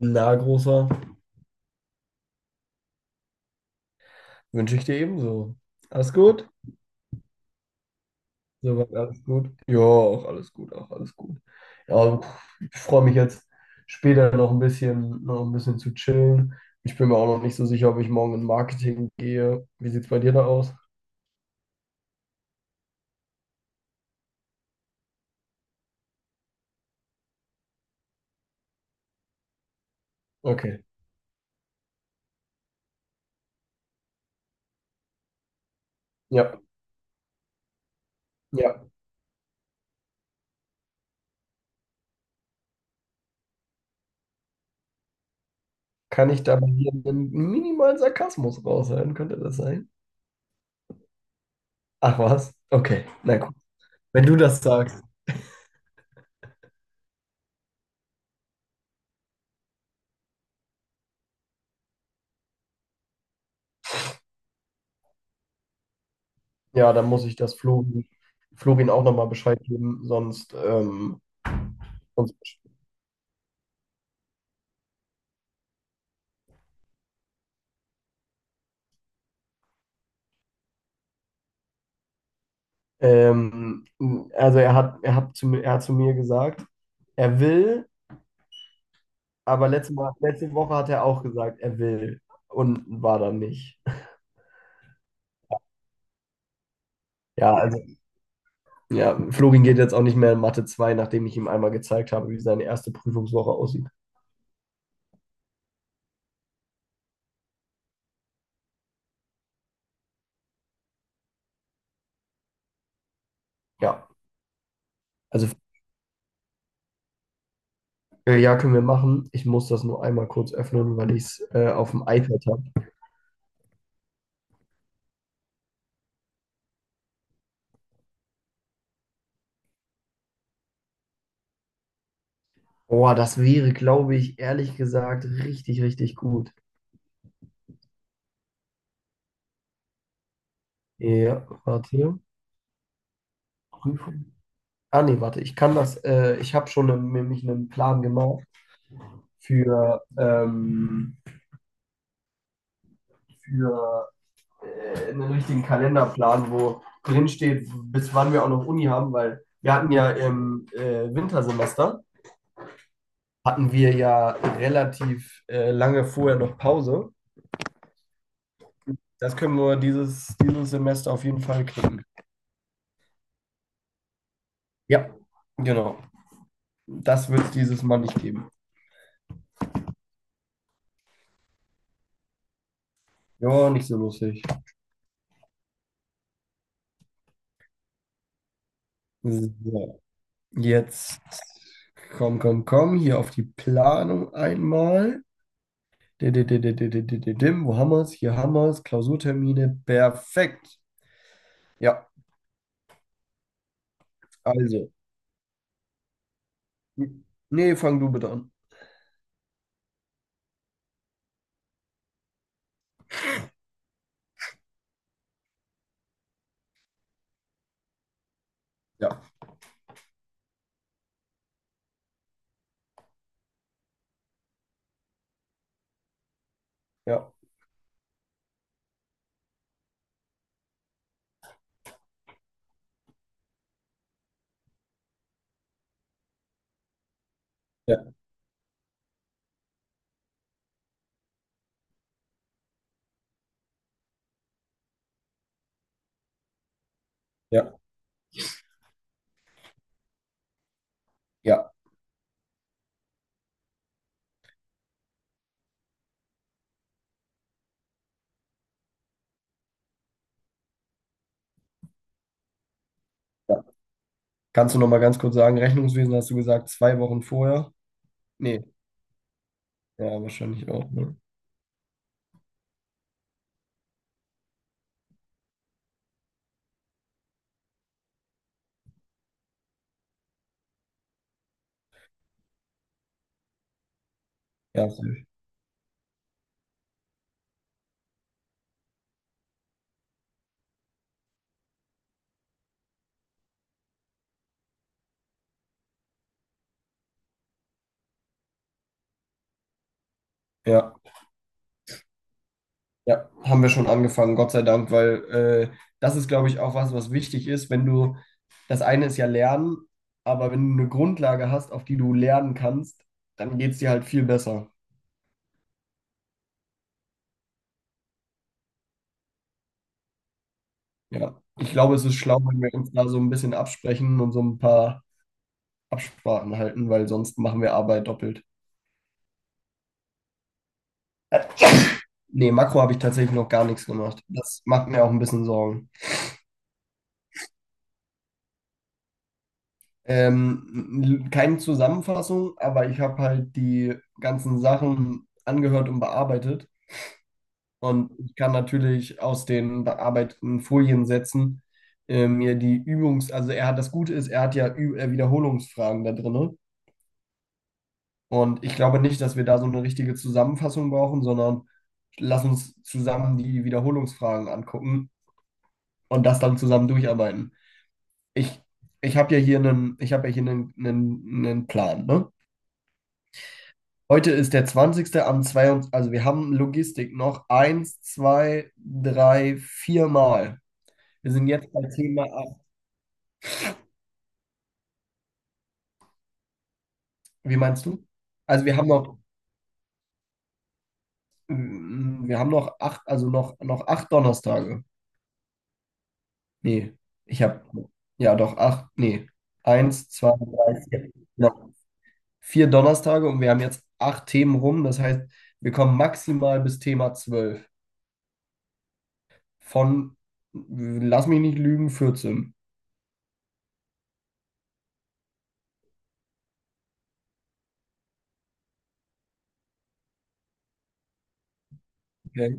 Na, Großer, wünsche ich dir ebenso. Alles gut? Soweit alles gut? Ja, auch alles gut, auch alles gut. Ja, ich freue mich jetzt später noch ein bisschen zu chillen. Ich bin mir auch noch nicht so sicher, ob ich morgen in Marketing gehe. Wie sieht es bei dir da aus? Okay. Ja, ja. Kann ich da bei dir einen minimalen Sarkasmus raushören? Könnte das sein? Ach was? Okay, na gut. Wenn du das sagst, ja, dann muss ich das Florin, Florin auch nochmal Bescheid geben, sonst, sonst Ähm, also er hat, er hat er hat zu mir gesagt, er will, aber letzte, Mal, letzte Woche hat er auch gesagt, er will und war dann nicht. Ja, also ja, Florin geht jetzt auch nicht mehr in Mathe 2, nachdem ich ihm einmal gezeigt habe, wie seine erste Prüfungswoche aussieht. Ja, also ja, können wir machen. Ich muss das nur einmal kurz öffnen, weil ich es auf dem iPad habe. Boah, das wäre, glaube ich, ehrlich gesagt, richtig, richtig gut. Ja, warte. Prüfung. Ah nee, warte, ich kann das, ich habe schon einen, nämlich einen Plan gemacht für, ähm, für einen richtigen Kalenderplan, wo drin steht, bis wann wir auch noch Uni haben, weil wir hatten ja im Wintersemester, hatten wir ja relativ lange vorher noch Pause. Das können wir dieses Semester auf jeden Fall knicken. Ja, genau. Das wird es dieses Mal nicht geben. Ja, nicht so lustig. So. Jetzt komm, hier auf die Planung einmal. Dim, wo haben wir es? Hier haben wir es. Klausurtermine, perfekt. Ja, also. Nee, fang du bitte an. Ja, ja, ja, ja, ja, ja. Kannst du noch mal ganz kurz sagen, Rechnungswesen hast du gesagt, zwei Wochen vorher? Nee, ja, wahrscheinlich auch. Ne? Ja, safe. Ja. Ja, haben wir schon angefangen, Gott sei Dank, weil das ist, glaube ich, auch was, was wichtig ist, wenn du, das eine ist ja Lernen, aber wenn du eine Grundlage hast, auf die du lernen kannst, dann geht es dir halt viel besser. Ja, ich glaube, es ist schlau, wenn wir uns da so ein bisschen absprechen und so ein paar Absprachen halten, weil sonst machen wir Arbeit doppelt. Nee, Makro habe ich tatsächlich noch gar nichts gemacht. Das macht mir auch ein bisschen Sorgen. Keine Zusammenfassung, aber ich habe halt die ganzen Sachen angehört und bearbeitet. Und ich kann natürlich aus den bearbeiteten Foliensätzen mir die also er hat das Gute ist, er hat ja Ü Wiederholungsfragen da drinne. Und ich glaube nicht, dass wir da so eine richtige Zusammenfassung brauchen, sondern lass uns zusammen die Wiederholungsfragen angucken und das dann zusammen durcharbeiten. Ich, ich habe ja hier einen, ich habe ja hier einen Plan, ne? Heute ist der 20. am 22. Also wir haben Logistik noch eins, zwei, drei, vier Mal. Wir sind jetzt bei Thema 8. Wie meinst du? Also wir haben noch, wir haben noch acht, also noch acht Donnerstage. Nee, ich habe, ja doch, acht, nee. Eins, zwei, drei, vier. Noch vier Donnerstage und wir haben jetzt acht Themen rum. Das heißt, wir kommen maximal bis Thema 12. Von, lass mich nicht lügen, 14. Okay.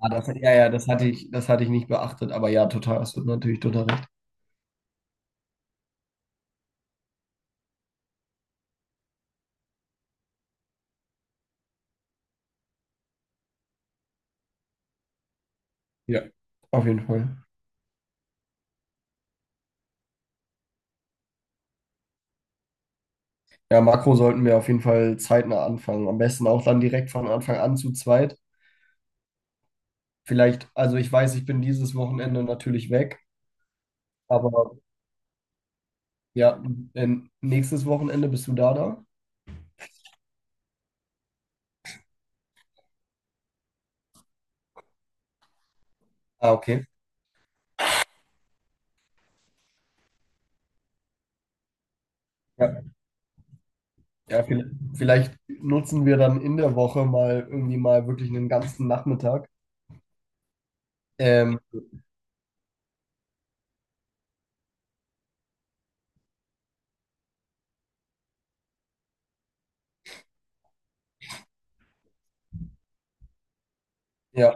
Ah, das, ja, ja, das hatte ich nicht beachtet, aber ja, total, hast du natürlich total recht. Ja, auf jeden Fall. Ja, Makro sollten wir auf jeden Fall zeitnah anfangen. Am besten auch dann direkt von Anfang an zu zweit. Vielleicht, also ich weiß, ich bin dieses Wochenende natürlich weg, aber ja, nächstes Wochenende bist du da da? Ah, okay. Ja, ja, vielleicht, vielleicht nutzen wir dann in der Woche mal irgendwie mal wirklich einen ganzen Nachmittag. Ähm, ja,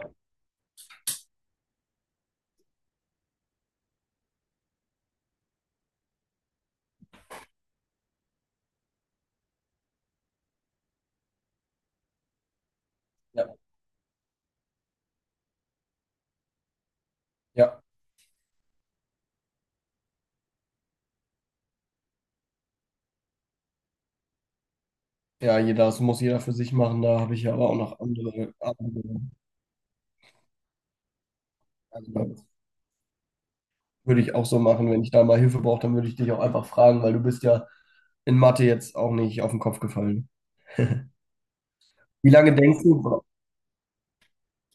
ja, ja, ja, jeder, das muss jeder für sich machen. Da habe ich ja aber auch noch andere. Andere also, Würde ich auch so machen, wenn ich da mal Hilfe brauche, dann würde ich dich auch einfach fragen, weil du bist ja in Mathe jetzt auch nicht auf den Kopf gefallen. Wie lange denkst du,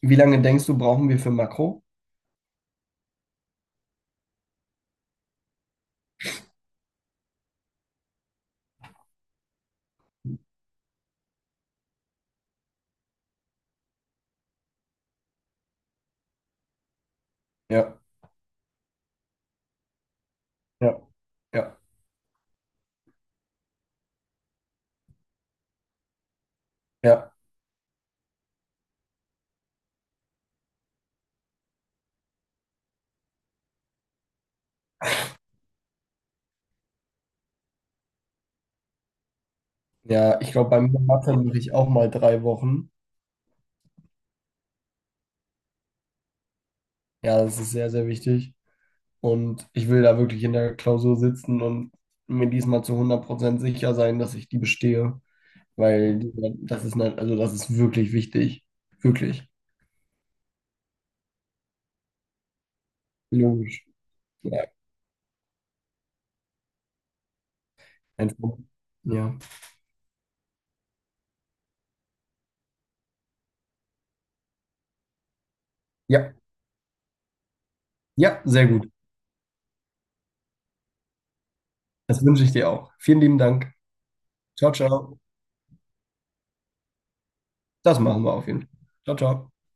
wie lange denkst du, brauchen wir für Makro? Ja, ja, ja, ja. Ja, ich glaube, bei mir in Mathe mache ich auch mal 3 Wochen. Ja, das ist sehr, sehr wichtig. Und ich will da wirklich in der Klausur sitzen und mir diesmal zu 100% sicher sein, dass ich die bestehe, weil das ist, also das ist wirklich wichtig. Wirklich. Logisch. Ja, einfach. Ja. Ja, ja, sehr gut. Das wünsche ich dir auch. Vielen lieben Dank. Ciao, ciao. Das machen wir auf jeden Fall. Ciao, ciao.